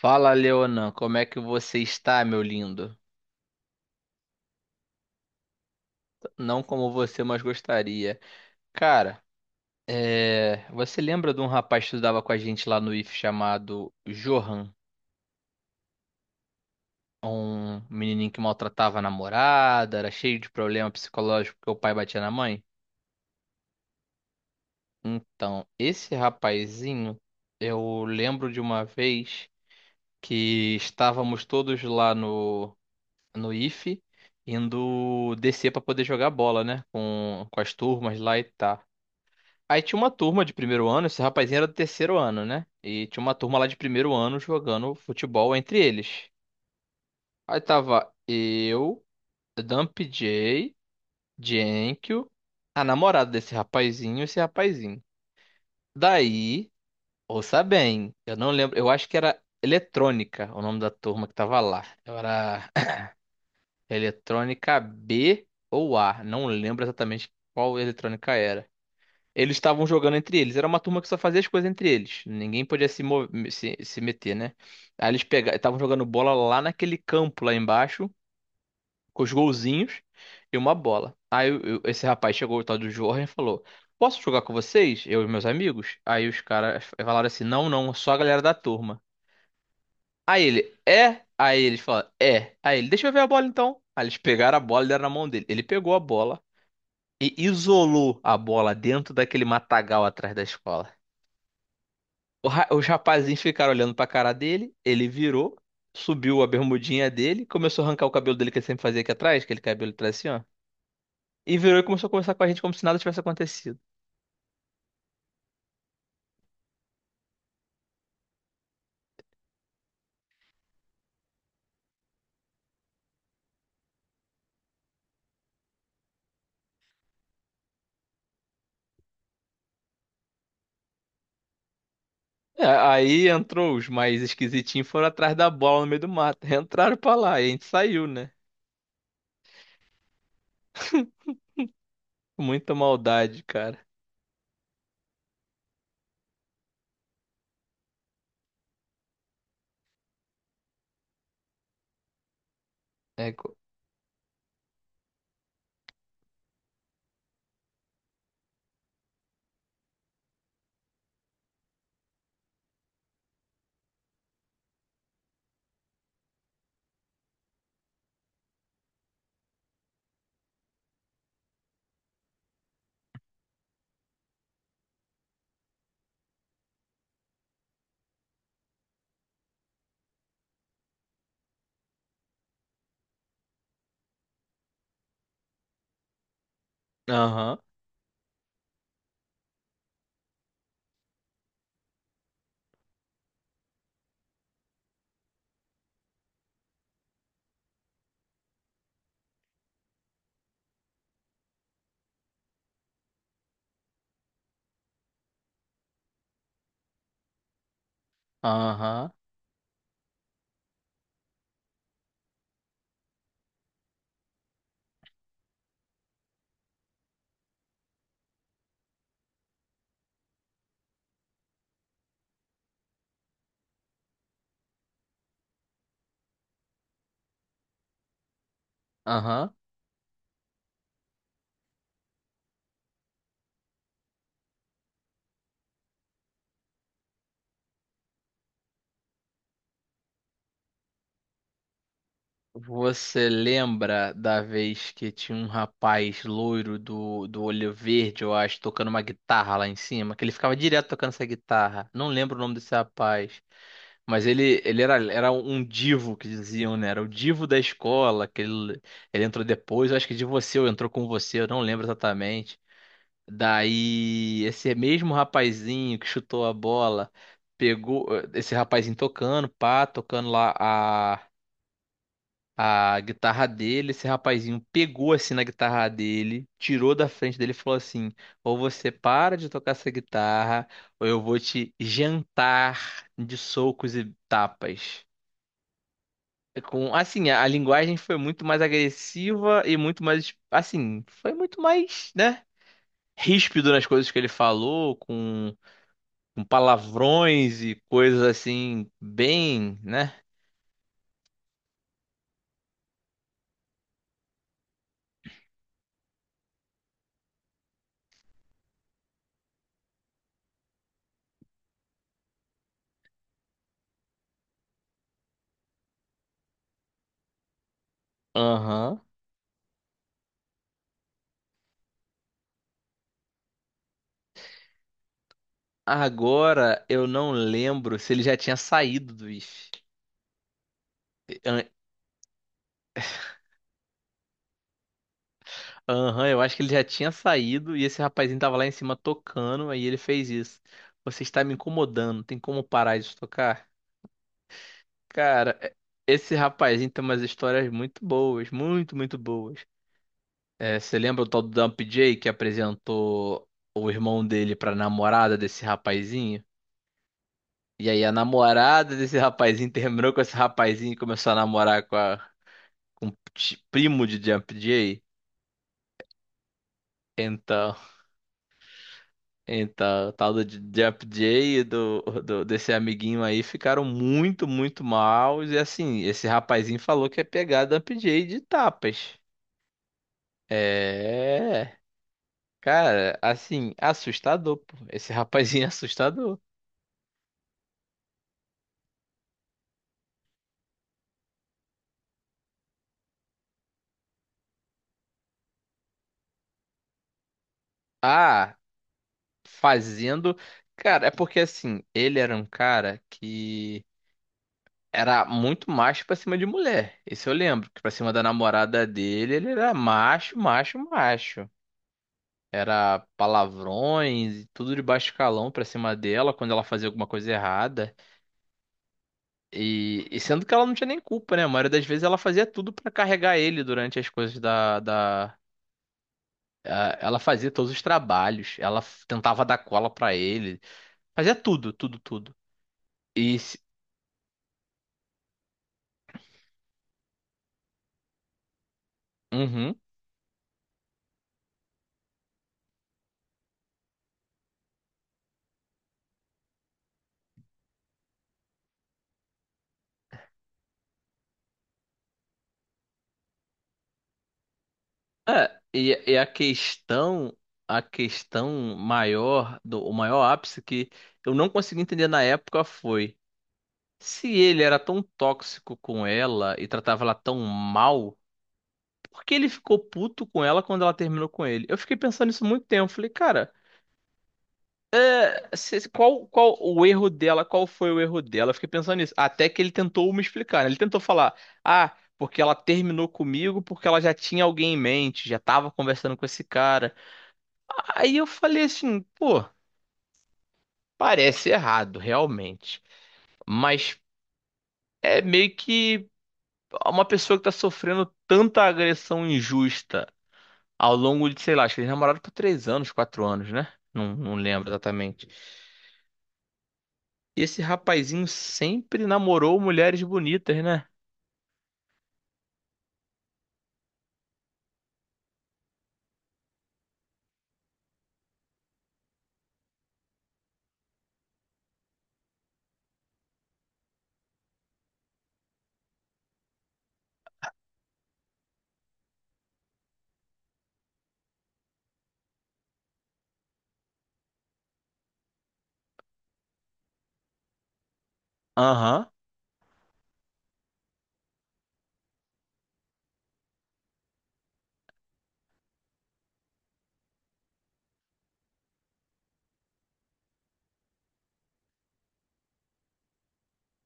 Fala, Leonan, como é que você está, meu lindo? Não como você, mas gostaria. Cara, você lembra de um rapaz que estudava com a gente lá no IF chamado Johan? Um menininho que maltratava a namorada, era cheio de problema psicológico porque o pai batia na mãe? Então, esse rapazinho, eu lembro de uma vez que estávamos todos lá no IF indo descer para poder jogar bola, né? Com as turmas lá e tal. Aí tinha uma turma de primeiro ano, esse rapazinho era do terceiro ano, né? E tinha uma turma lá de primeiro ano jogando futebol entre eles. Aí tava eu, Dump J, Jenkyo, a namorada desse rapazinho e esse rapazinho. Daí, ouça bem, eu não lembro, eu acho que era Eletrônica o nome da turma que tava lá. Era Eletrônica B ou A, não lembro exatamente qual eletrônica era. Eles estavam jogando entre eles. Era uma turma que só fazia as coisas entre eles. Ninguém podia se, mo- se meter, né? Estavam jogando bola lá naquele campo lá embaixo, com os golzinhos e uma bola. Esse rapaz chegou, o tal do Jorge, e falou: Posso jogar com vocês, eu e meus amigos? Aí os caras falaram assim: Não, não, só a galera da turma. Aí ele: É? Aí eles falaram: É. Aí ele: Deixa eu ver a bola então. Aí eles pegaram a bola e deram na mão dele. Ele pegou a bola e isolou a bola dentro daquele matagal atrás da escola. Os rapazinhos ficaram olhando pra cara dele, ele virou, subiu a bermudinha dele, começou a arrancar o cabelo dele que ele sempre fazia aqui atrás, aquele cabelo atrás assim, ó. E virou e começou a conversar com a gente como se nada tivesse acontecido. É, aí entrou os mais esquisitinhos, foram atrás da bola no meio do mato. Entraram pra lá e a gente saiu, né? Muita maldade, cara. É, co- Aham, aham, aham. Você lembra da vez que tinha um rapaz loiro do olho verde, eu acho, tocando uma guitarra lá em cima? Que ele ficava direto tocando essa guitarra. Não lembro o nome desse rapaz. Mas era um divo que diziam, né? Era o divo da escola, ele entrou depois, eu acho que de você, ou entrou com você, eu não lembro exatamente. Daí, esse mesmo rapazinho que chutou a bola, pegou esse rapazinho tocando, pá, tocando lá a guitarra dele, esse rapazinho pegou assim na guitarra dele, tirou da frente dele e falou assim: ou você para de tocar essa guitarra, ou eu vou te jantar de socos e tapas. É. A linguagem foi muito mais agressiva e muito mais, assim, foi muito mais, né, ríspido nas coisas que ele falou, com palavrões e coisas assim, bem, né? Aham. Agora eu não lembro se ele já tinha saído do IF. An- Aham, eu acho que ele já tinha saído e esse rapazinho tava lá em cima tocando, aí ele fez isso. Você está me incomodando, tem como parar de tocar? Cara, esse rapazinho tem umas histórias muito boas, muito, muito boas. É, você lembra o tal do Dump J que apresentou o irmão dele pra namorada desse rapazinho? E aí a namorada desse rapazinho terminou com esse rapazinho e começou a namorar com a com ti- primo de Jump Jay. Então, então, o tal do Jump Jay e do desse amiguinho aí ficaram muito, muito mal. E assim, esse rapazinho falou que ia pegar Jump Jay de tapas. É, cara, assim, assustador, pô. Esse rapazinho é assustador. Ah, fazendo. Cara, é porque assim, ele era um cara que era muito macho pra cima de mulher. Isso eu lembro, que pra cima da namorada dele, ele era macho, macho, macho. Era palavrões e tudo de baixo calão pra cima dela quando ela fazia alguma coisa errada. E, sendo que ela não tinha nem culpa, né? A maioria das vezes ela fazia tudo pra carregar ele durante as coisas da, da... Ah, ela fazia todos os trabalhos, tentava dar cola pra ele, fazia tudo, tudo, tudo. E, se- Uhum. É, a questão maior, do, o maior ápice que eu não consegui entender na época foi se ele era tão tóxico com ela e tratava ela tão mal, por que ele ficou puto com ela quando ela terminou com ele? Eu fiquei pensando nisso muito tempo. Falei, cara, qual, qual o erro dela? Qual foi o erro dela? Eu fiquei pensando nisso. Até que ele tentou me explicar, né? Ele tentou falar, ah, porque ela terminou comigo porque ela já tinha alguém em mente, já tava conversando com esse cara. Aí eu falei assim, pô, parece errado, realmente. Mas é meio que uma pessoa que tá sofrendo tanta agressão injusta ao longo de, sei lá, acho que eles namoraram por 3 anos, 4 anos, né? Não, não lembro exatamente. E esse rapazinho sempre namorou mulheres bonitas, né? Aham.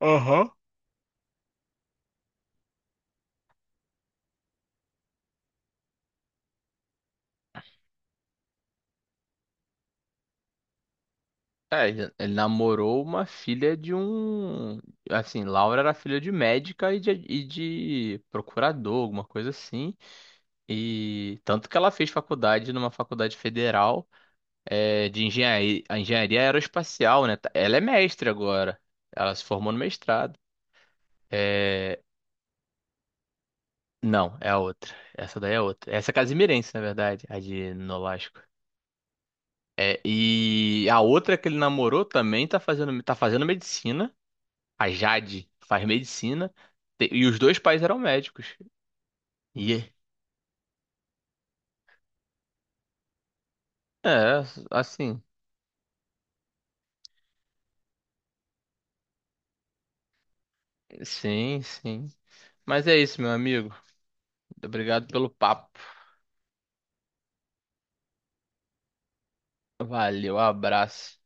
Aham. É, ele namorou uma filha de um. Assim, Laura era filha de médica e de procurador, alguma coisa assim. E tanto que ela fez faculdade numa faculdade federal de engenharia, engenharia aeroespacial, né? Ela é mestre agora. Ela se formou no mestrado. É, não, é a outra. Essa daí é outra. Essa é casimirense, na verdade, a de Nolasco. É, e a outra que ele namorou também tá fazendo medicina. A Jade faz medicina. E os dois pais eram médicos. E é, é, assim, sim, sim. Mas é isso, meu amigo. Obrigado pelo papo. Valeu, abraço.